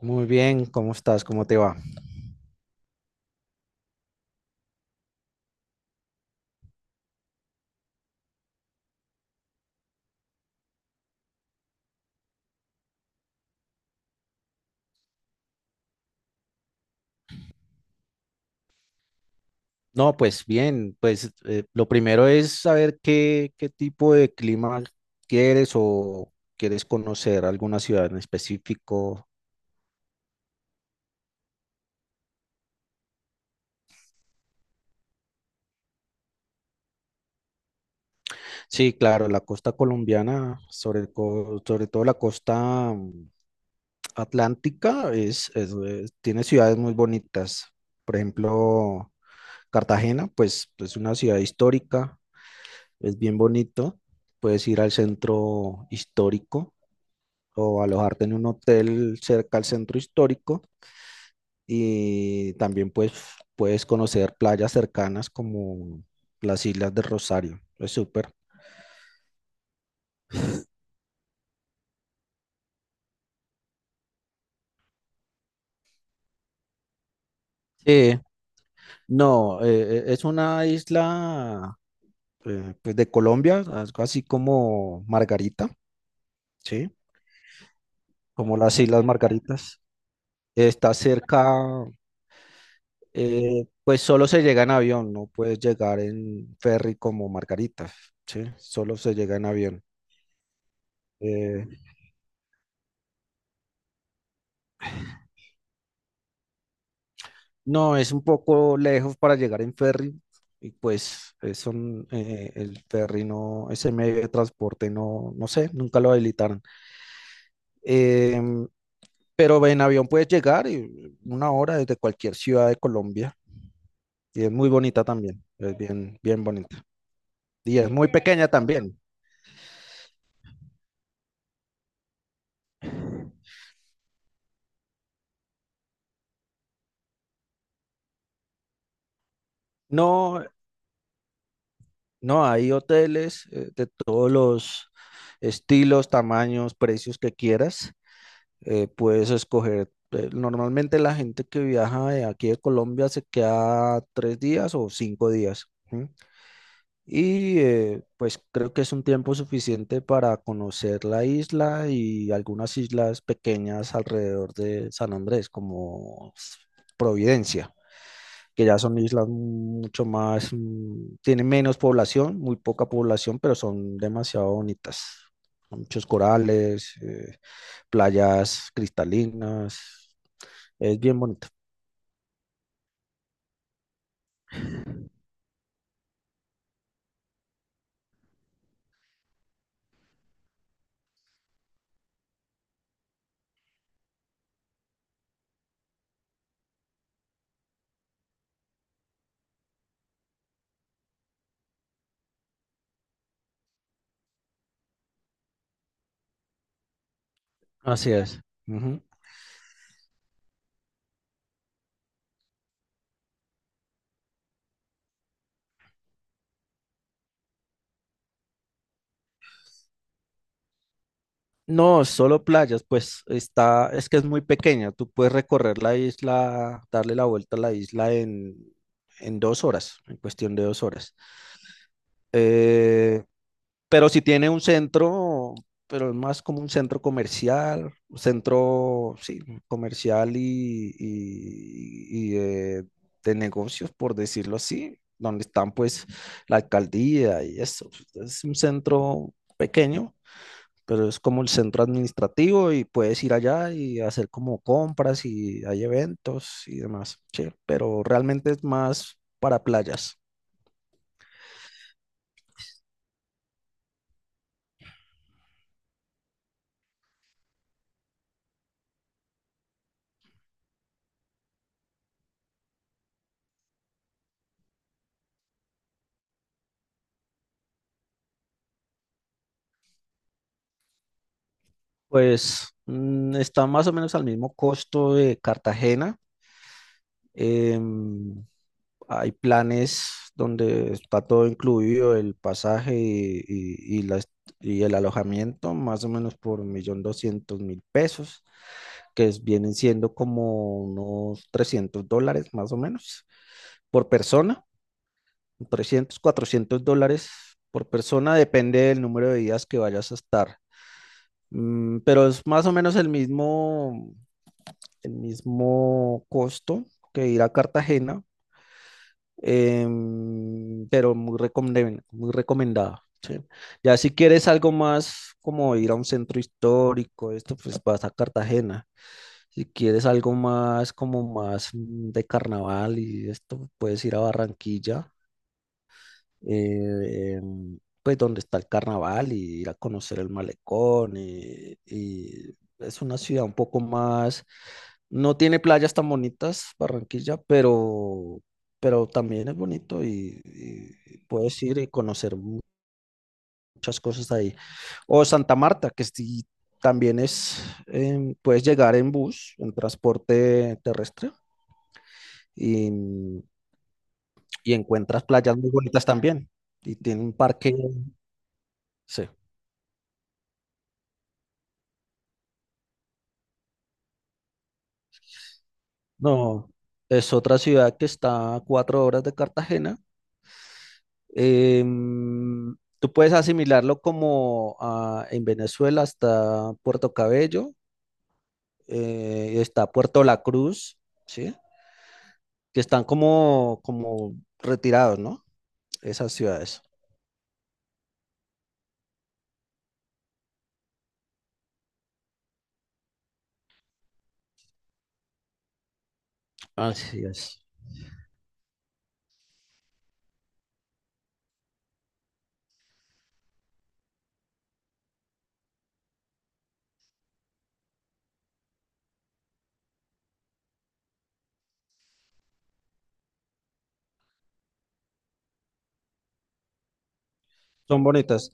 Muy bien, ¿cómo estás? ¿Cómo te va? No, pues bien, pues lo primero es saber qué tipo de clima quieres o quieres conocer alguna ciudad en específico. Sí, claro, la costa colombiana, sobre todo la costa atlántica, tiene ciudades muy bonitas. Por ejemplo, Cartagena, pues es una ciudad histórica, es bien bonito. Puedes ir al centro histórico o alojarte en un hotel cerca al centro histórico y también pues puedes conocer playas cercanas como las Islas de Rosario. Es súper. Sí. No, es una isla pues de Colombia, algo así como Margarita, ¿sí? Como las Islas Margaritas. Está cerca, pues solo se llega en avión, no puedes llegar en ferry como Margaritas, ¿sí? Solo se llega en avión. Eh, No, es un poco lejos para llegar en ferry y pues el ferry no, ese medio de transporte no, no sé, nunca lo habilitaron. Em, pero en avión puedes llegar y una hora desde cualquier ciudad de Colombia y es muy bonita también, es bien, bien bonita. Y es muy pequeña también. No, no, hay hoteles de todos los estilos, tamaños, precios que quieras. Puedes escoger. Normalmente la gente que viaja de aquí de Colombia se queda 3 días o 5 días. ¿Sí? Y pues creo que es un tiempo suficiente para conocer la isla y algunas islas pequeñas alrededor de San Andrés, como Providencia, que ya son islas mucho más, tienen menos población, muy poca población, pero son demasiado bonitas. Con muchos corales, playas cristalinas, es bien bonito. Así es. Ujú. No, solo playas, pues está, es que es muy pequeña, tú puedes recorrer la isla, darle la vuelta a la isla en, 2 horas, en cuestión de 2 horas. Eh, Pero si tiene un centro, pero es más como un centro comercial, un centro, sí, comercial y de negocios, por decirlo así, donde están pues la alcaldía y eso. Es un centro pequeño, pero es como el centro administrativo y puedes ir allá y hacer como compras y hay eventos y demás, sí, pero realmente es más para playas. Pues está más o menos al mismo costo de Cartagena. Em, Hay planes donde está todo incluido, el pasaje y el alojamiento, más o menos por 1.200.000 pesos, vienen siendo como unos 300 dólares más o menos por persona. 300, 400 dólares por persona, depende del número de días que vayas a estar. Pero es más o menos el mismo costo que ir a Cartagena, pero muy recomendada. ¿Sí? Ya si quieres algo más como ir a un centro histórico, esto pues vas a Cartagena. Si quieres algo más como más de carnaval y esto, puedes ir a Barranquilla, pues donde está el carnaval y ir a conocer el malecón y es una ciudad un poco más, no tiene playas tan bonitas, Barranquilla, pero también es bonito y puedes ir y conocer muchas cosas ahí. O Santa Marta, que sí, también puedes llegar en bus, en transporte terrestre, y, y encuentras playas muy bonitas también. Y tiene un parque, sí. No, es otra ciudad que está a 4 horas de Cartagena. Tú puedes asimilarlo en Venezuela está Puerto Cabello, y está Puerto La Cruz, ¿sí? Que están como retirados, ¿no? Esas ciudades. Así es. Son bonitas.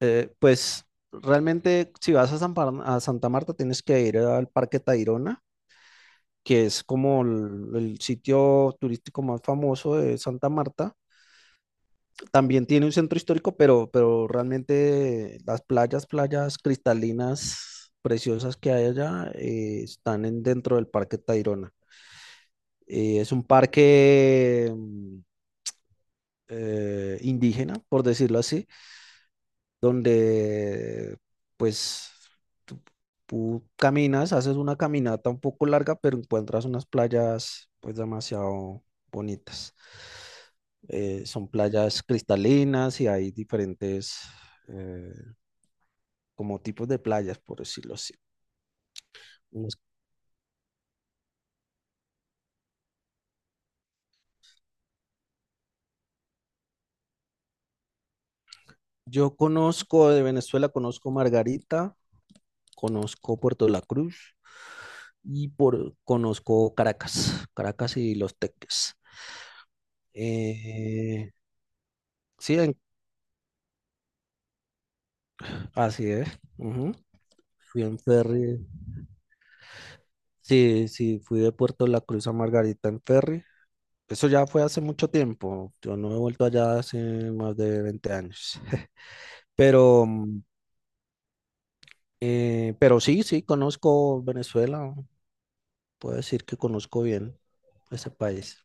Pues realmente si vas a Santa Marta tienes que ir al Parque Tayrona, que es como el sitio turístico más famoso de Santa Marta. También tiene un centro histórico, pero realmente las playas, playas cristalinas preciosas que hay allá están dentro del Parque Tayrona. Es un parque indígena, por decirlo así, donde pues tú, tú caminas, haces una caminata un poco larga, pero encuentras unas playas pues demasiado bonitas. Son playas cristalinas y hay diferentes eh, como tipos de playas, por decirlo así. Unas- Yo conozco de Venezuela, conozco Margarita, conozco Puerto La Cruz conozco Caracas y Los Teques. Eh, sí, en Así es. Ujú. Fui en ferry. Sí, sí, fui de Puerto La Cruz a Margarita en ferry. Eso ya fue hace mucho tiempo. Yo no he vuelto allá hace más de 20 años. Pero, mm, pero sí, sí, conozco Venezuela. Puedo decir que conozco bien ese país.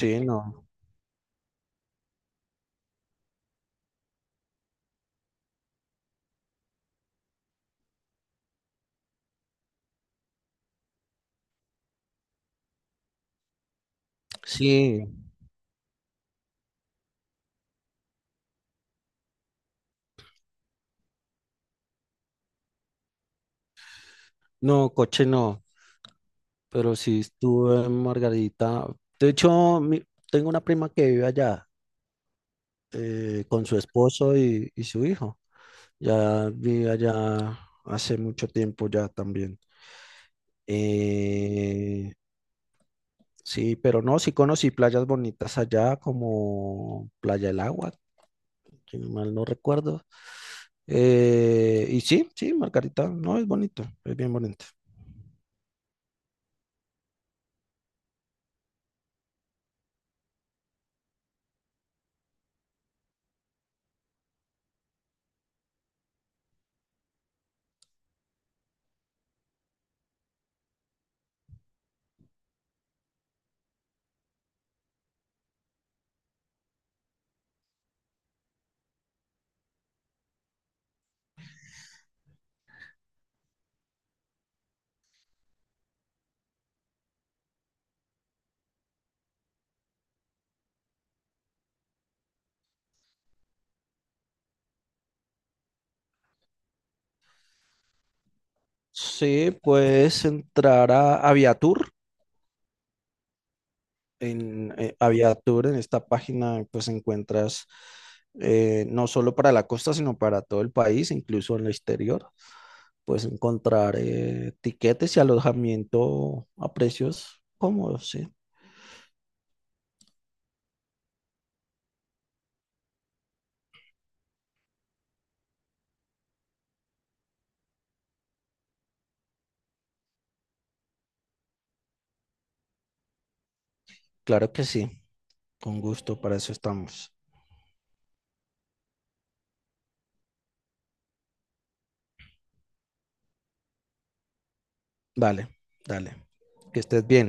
Sí, no. Sí, no, Coche no. Pero sí estuve en Margarita. De hecho, tengo una prima que vive allá con su esposo y su hijo. Ya vivía allá hace mucho tiempo ya también. Eh, sí, pero no, sí conocí playas bonitas allá como Playa del Agua, si no mal no recuerdo. Y sí, sí, Margarita, no, es bonito, es bien bonito. Sí, puedes entrar a Aviatur. En Aviatur, en esta página, pues encuentras no solo para la costa, sino para todo el país, incluso en el exterior. Puedes encontrar tiquetes y alojamiento a precios cómodos, sí. Claro que sí, con gusto, para eso estamos. Vale, dale. Que estés bien.